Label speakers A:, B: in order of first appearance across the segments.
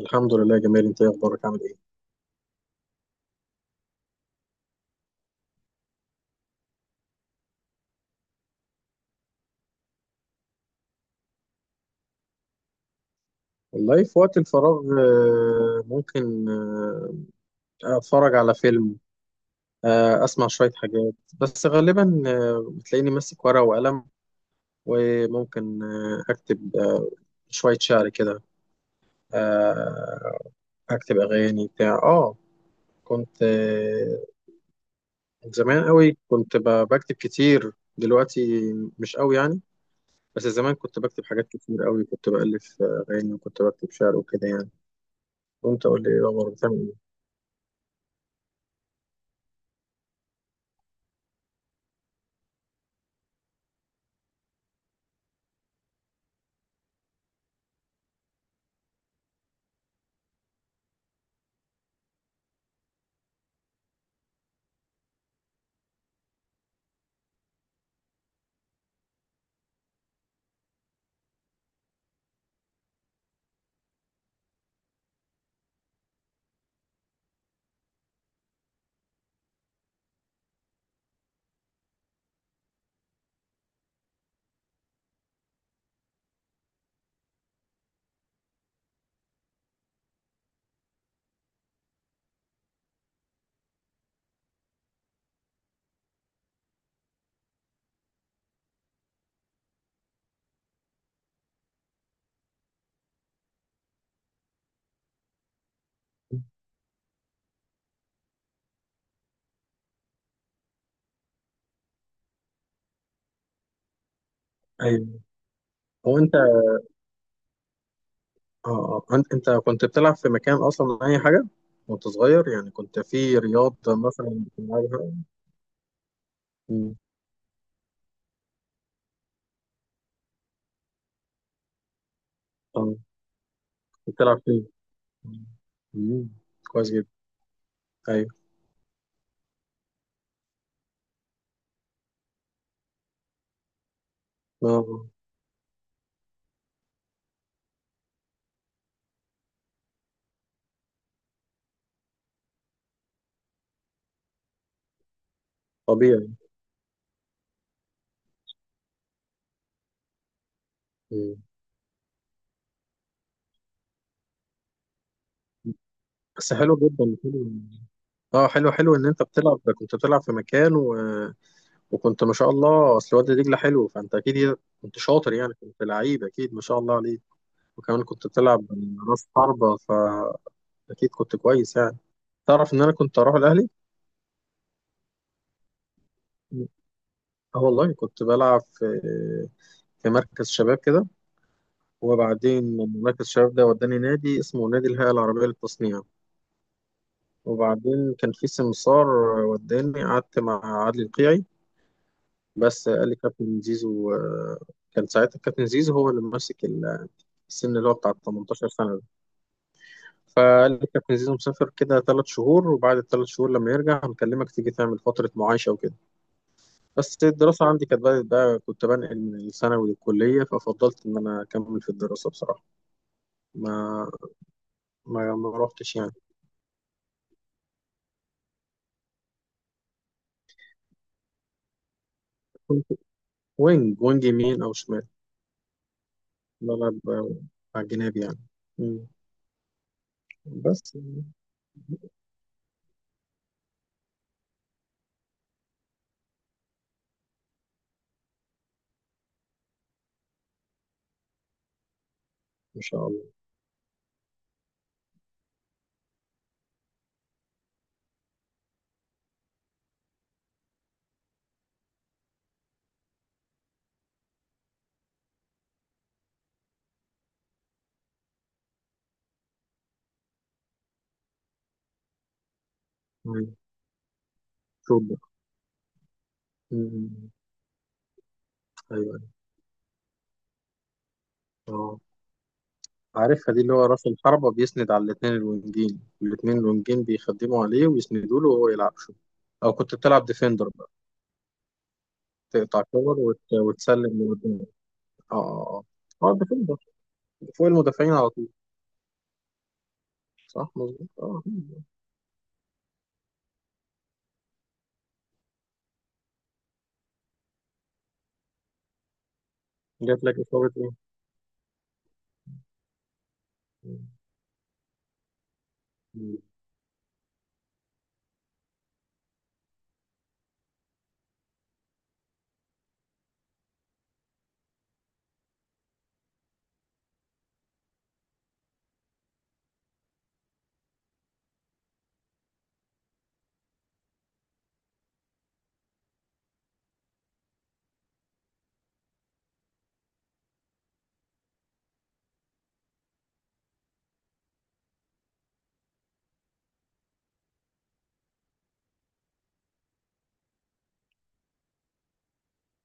A: الحمد لله، جميل. انت ايه اخبارك، عامل ايه؟ والله في وقت الفراغ ممكن اتفرج على فيلم. اسمع شوية حاجات. بس غالبا بتلاقيني ماسك ورقة وقلم، وممكن اكتب شوية شعر كده. آه، اكتب اغاني بتاع كنت زمان قوي كنت بكتب كتير، دلوقتي مش قوي يعني. بس زمان كنت بكتب حاجات كتير قوي، كنت بألف اغاني، وكنت بكتب شعر وكده يعني. وانت قول لي ايه الاخبار، بتعمل ايه؟ ايوه. هو انت اه آه. انت أنت كنت بتلعب في مكان اصلا اي حاجه وانت صغير؟ يعني كنت في رياضه مثلا بتلعبها؟ مم. آه. كنت بتلعب فين؟ مم. كويس جدا. ايوه، آه، آه. طبيعي. مم. بس حلو جدا، حلو. اه، حلو حلو ان انت كنت بتلعب في مكان وكنت ما شاء الله، اصل وادي دجله حلو، فانت اكيد كنت شاطر يعني، كنت لعيب اكيد، ما شاء الله عليك. وكمان كنت بتلعب راس حربة، فاكيد كنت كويس يعني. تعرف ان انا كنت اروح الاهلي. اه، والله كنت بلعب في مركز شباب كده، وبعدين من مركز الشباب ده وداني نادي اسمه نادي الهيئه العربيه للتصنيع. وبعدين كان في سمسار وداني، قعدت مع عادل القيعي. بس قال لي كابتن زيزو، كان ساعتها كابتن زيزو هو اللي ماسك السن اللي هو بتاع 18 سنه ده. فقال لي كابتن زيزو مسافر كده 3 شهور، وبعد الـ3 شهور لما يرجع هنكلمك تيجي تعمل فتره معايشه وكده. بس الدراسة عندي كانت بدأت بقى، كنت بنقل من الثانوي للكلية، ففضلت إن أنا أكمل في الدراسة بصراحة. ما ما روحتش يعني. كنت وينج، وينج يمين أو شمال، بلعب على الجناب يعني. مم. بس ما شاء الله. مم. شوط بقى. مم. أيوه أيوه. أه، عارفها دي، اللي هو راس الحربة بيسند على الاتنين الوينجين، بيخدموا عليه ويسندوا له وهو يلعب شوط. أو كنت بتلعب ديفندر بقى، تقطع كور وتسلم لقدام. أه أه أه، defender فوق المدافعين على طول. صح، مظبوط. اه، جات لك اصابه ايه؟ مم.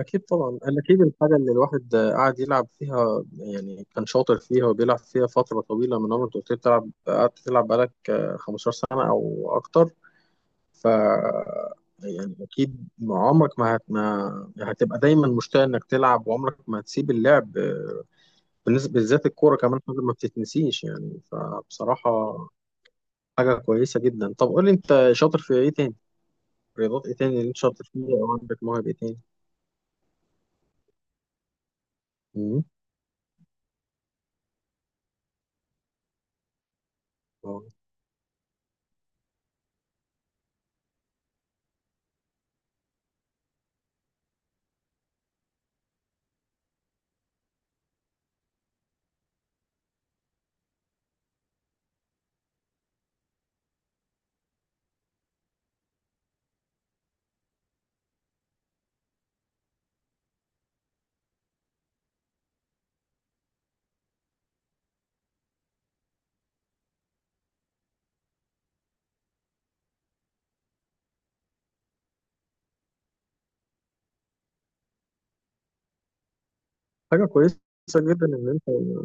A: اكيد طبعا، أنا اكيد الحاجه اللي الواحد قعد يلعب فيها، يعني كان شاطر فيها وبيلعب فيها فتره طويله من عمرك، كنت بتلعب قعدت تلعب بقالك 15 سنه او اكتر. ف يعني اكيد ما عمرك ما هتبقى دايما مشتاق انك تلعب، وعمرك ما هتسيب اللعب. بالنسبه بالذات الكوره، كمان حاجه ما بتتنسيش يعني. فبصراحه حاجه كويسه جدا. طب قول لي انت شاطر في ايه تاني؟ رياضات ايه تاني اللي انت شاطر فيه؟ او عندك موهبة ايه تاني؟ مم. اه، حاجة كويسة جدا ان انت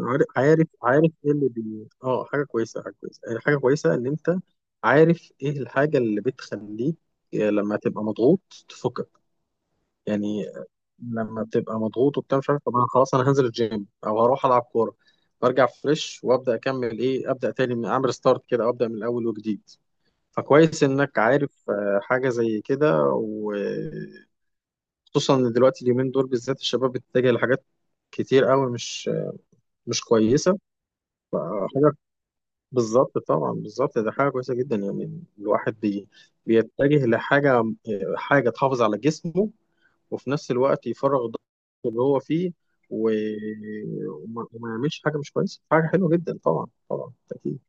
A: عارف ايه اللي بي اه حاجة كويسة ان انت عارف ايه الحاجة اللي بتخليك لما تبقى مضغوط تفكك. يعني لما بتبقى مضغوط وبتاع مش عارف، طب انا خلاص هنزل الجيم او هروح العب كورة، برجع فريش وابدا اكمل ايه، ابدا تاني من اعمل ستارت كده، او ابدا من الاول وجديد. فكويس انك عارف حاجة زي كده. خصوصا ان دلوقتي اليومين دول بالذات الشباب بتتجه لحاجات كتير قوي، مش كويسه حاجه. بالظبط، طبعا بالظبط، ده حاجه كويسه جدا. يعني الواحد بيتجه لحاجه، حاجه تحافظ على جسمه، وفي نفس الوقت يفرغ الضغط اللي هو فيه، و... وما يعملش حاجه مش كويسه. حاجه حلوه جدا طبعا، طبعا اكيد.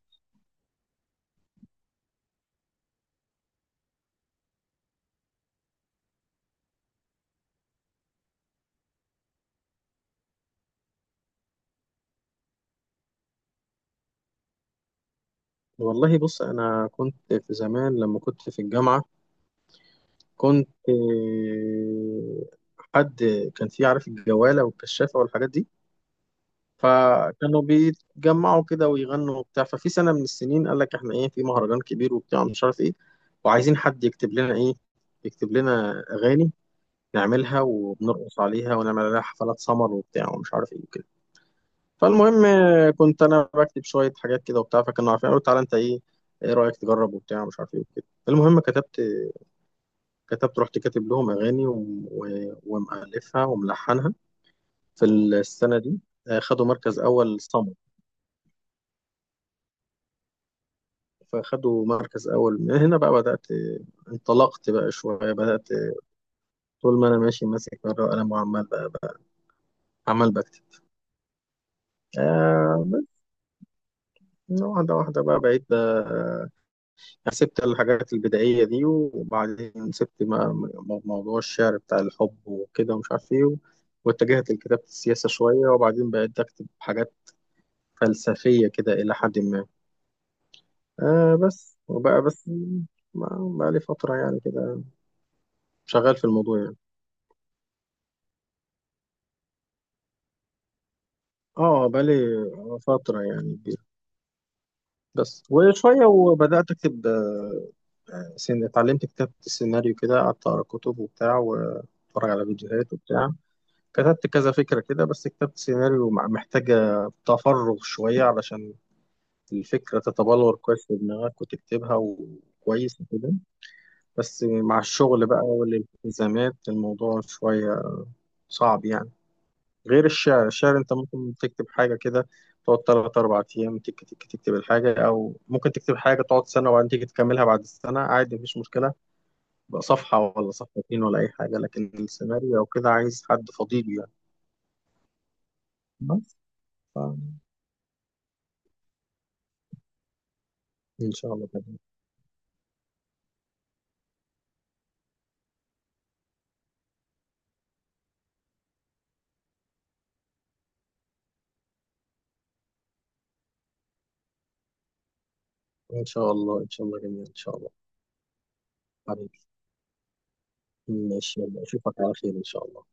A: والله بص، انا كنت في زمان لما كنت في الجامعه، كنت حد كان في عارف الجواله والكشافه والحاجات دي. فكانوا بيتجمعوا كده ويغنوا وبتاع. ففي سنة من السنين قال لك احنا ايه، في مهرجان كبير وبتاع مش عارف ايه، وعايزين حد يكتب لنا ايه، يكتب لنا اغاني نعملها وبنرقص عليها ونعمل عليها حفلات سمر وبتاع ومش عارف ايه وكده. فالمهم كنت انا بكتب شوية حاجات كده وبتاع، فكانوا عارفين قالوا تعالى انت، ايه ايه رأيك تجرب وبتاع مش عارف ايه وكده. المهم كتبت رحت كاتب لهم اغاني ومؤلفها وملحنها. في السنة دي خدوا مركز اول سمر. فخدوا مركز أول، من هنا بقى بدأت، انطلقت بقى شوية، بدأت. طول ما أنا ماشي ماسك ورقة وقلم وعمال بقى عمال بكتب. آه، بس واحدة واحدة بقى، بقيت سبت الحاجات البدائية دي، وبعدين سبت موضوع الشعر بتاع الحب وكده ومش عارف إيه، واتجهت لكتابة السياسة شوية، وبعدين بقيت أكتب حاجات فلسفية كده إلى حد ما. آه، بس بقى لي فترة يعني كده شغال في الموضوع يعني. اه، بقالي فترة يعني كبيرة. بس وشوية وبدأت أكتب اتعلمت كتابة السيناريو كده، قعدت أقرأ كتب وبتاع وأتفرج على فيديوهات وبتاع. كتبت كذا فكرة كده. بس كتابة السيناريو محتاجة تفرغ شوية علشان الفكرة تتبلور كويس في دماغك وتكتبها وكويس وكده. بس مع الشغل بقى والالتزامات، الموضوع شوية صعب يعني. غير الشعر، انت ممكن تكتب حاجة كده، تقعد تلات أربع أيام تك تك تكتب الحاجة، أو ممكن تكتب حاجة تقعد سنة وبعدين تيجي تكملها بعد السنة عادي مفيش مشكلة. بقى صفحة ولا صفحتين ولا أي حاجة. لكن السيناريو أو كده عايز حد فضيل يعني. بس ف- إن شاء الله كده. إن شاء الله، إن شاء الله، جميل، إن شاء الله. حبيبي، ماشي، يلا أشوفك على خير إن شاء الله.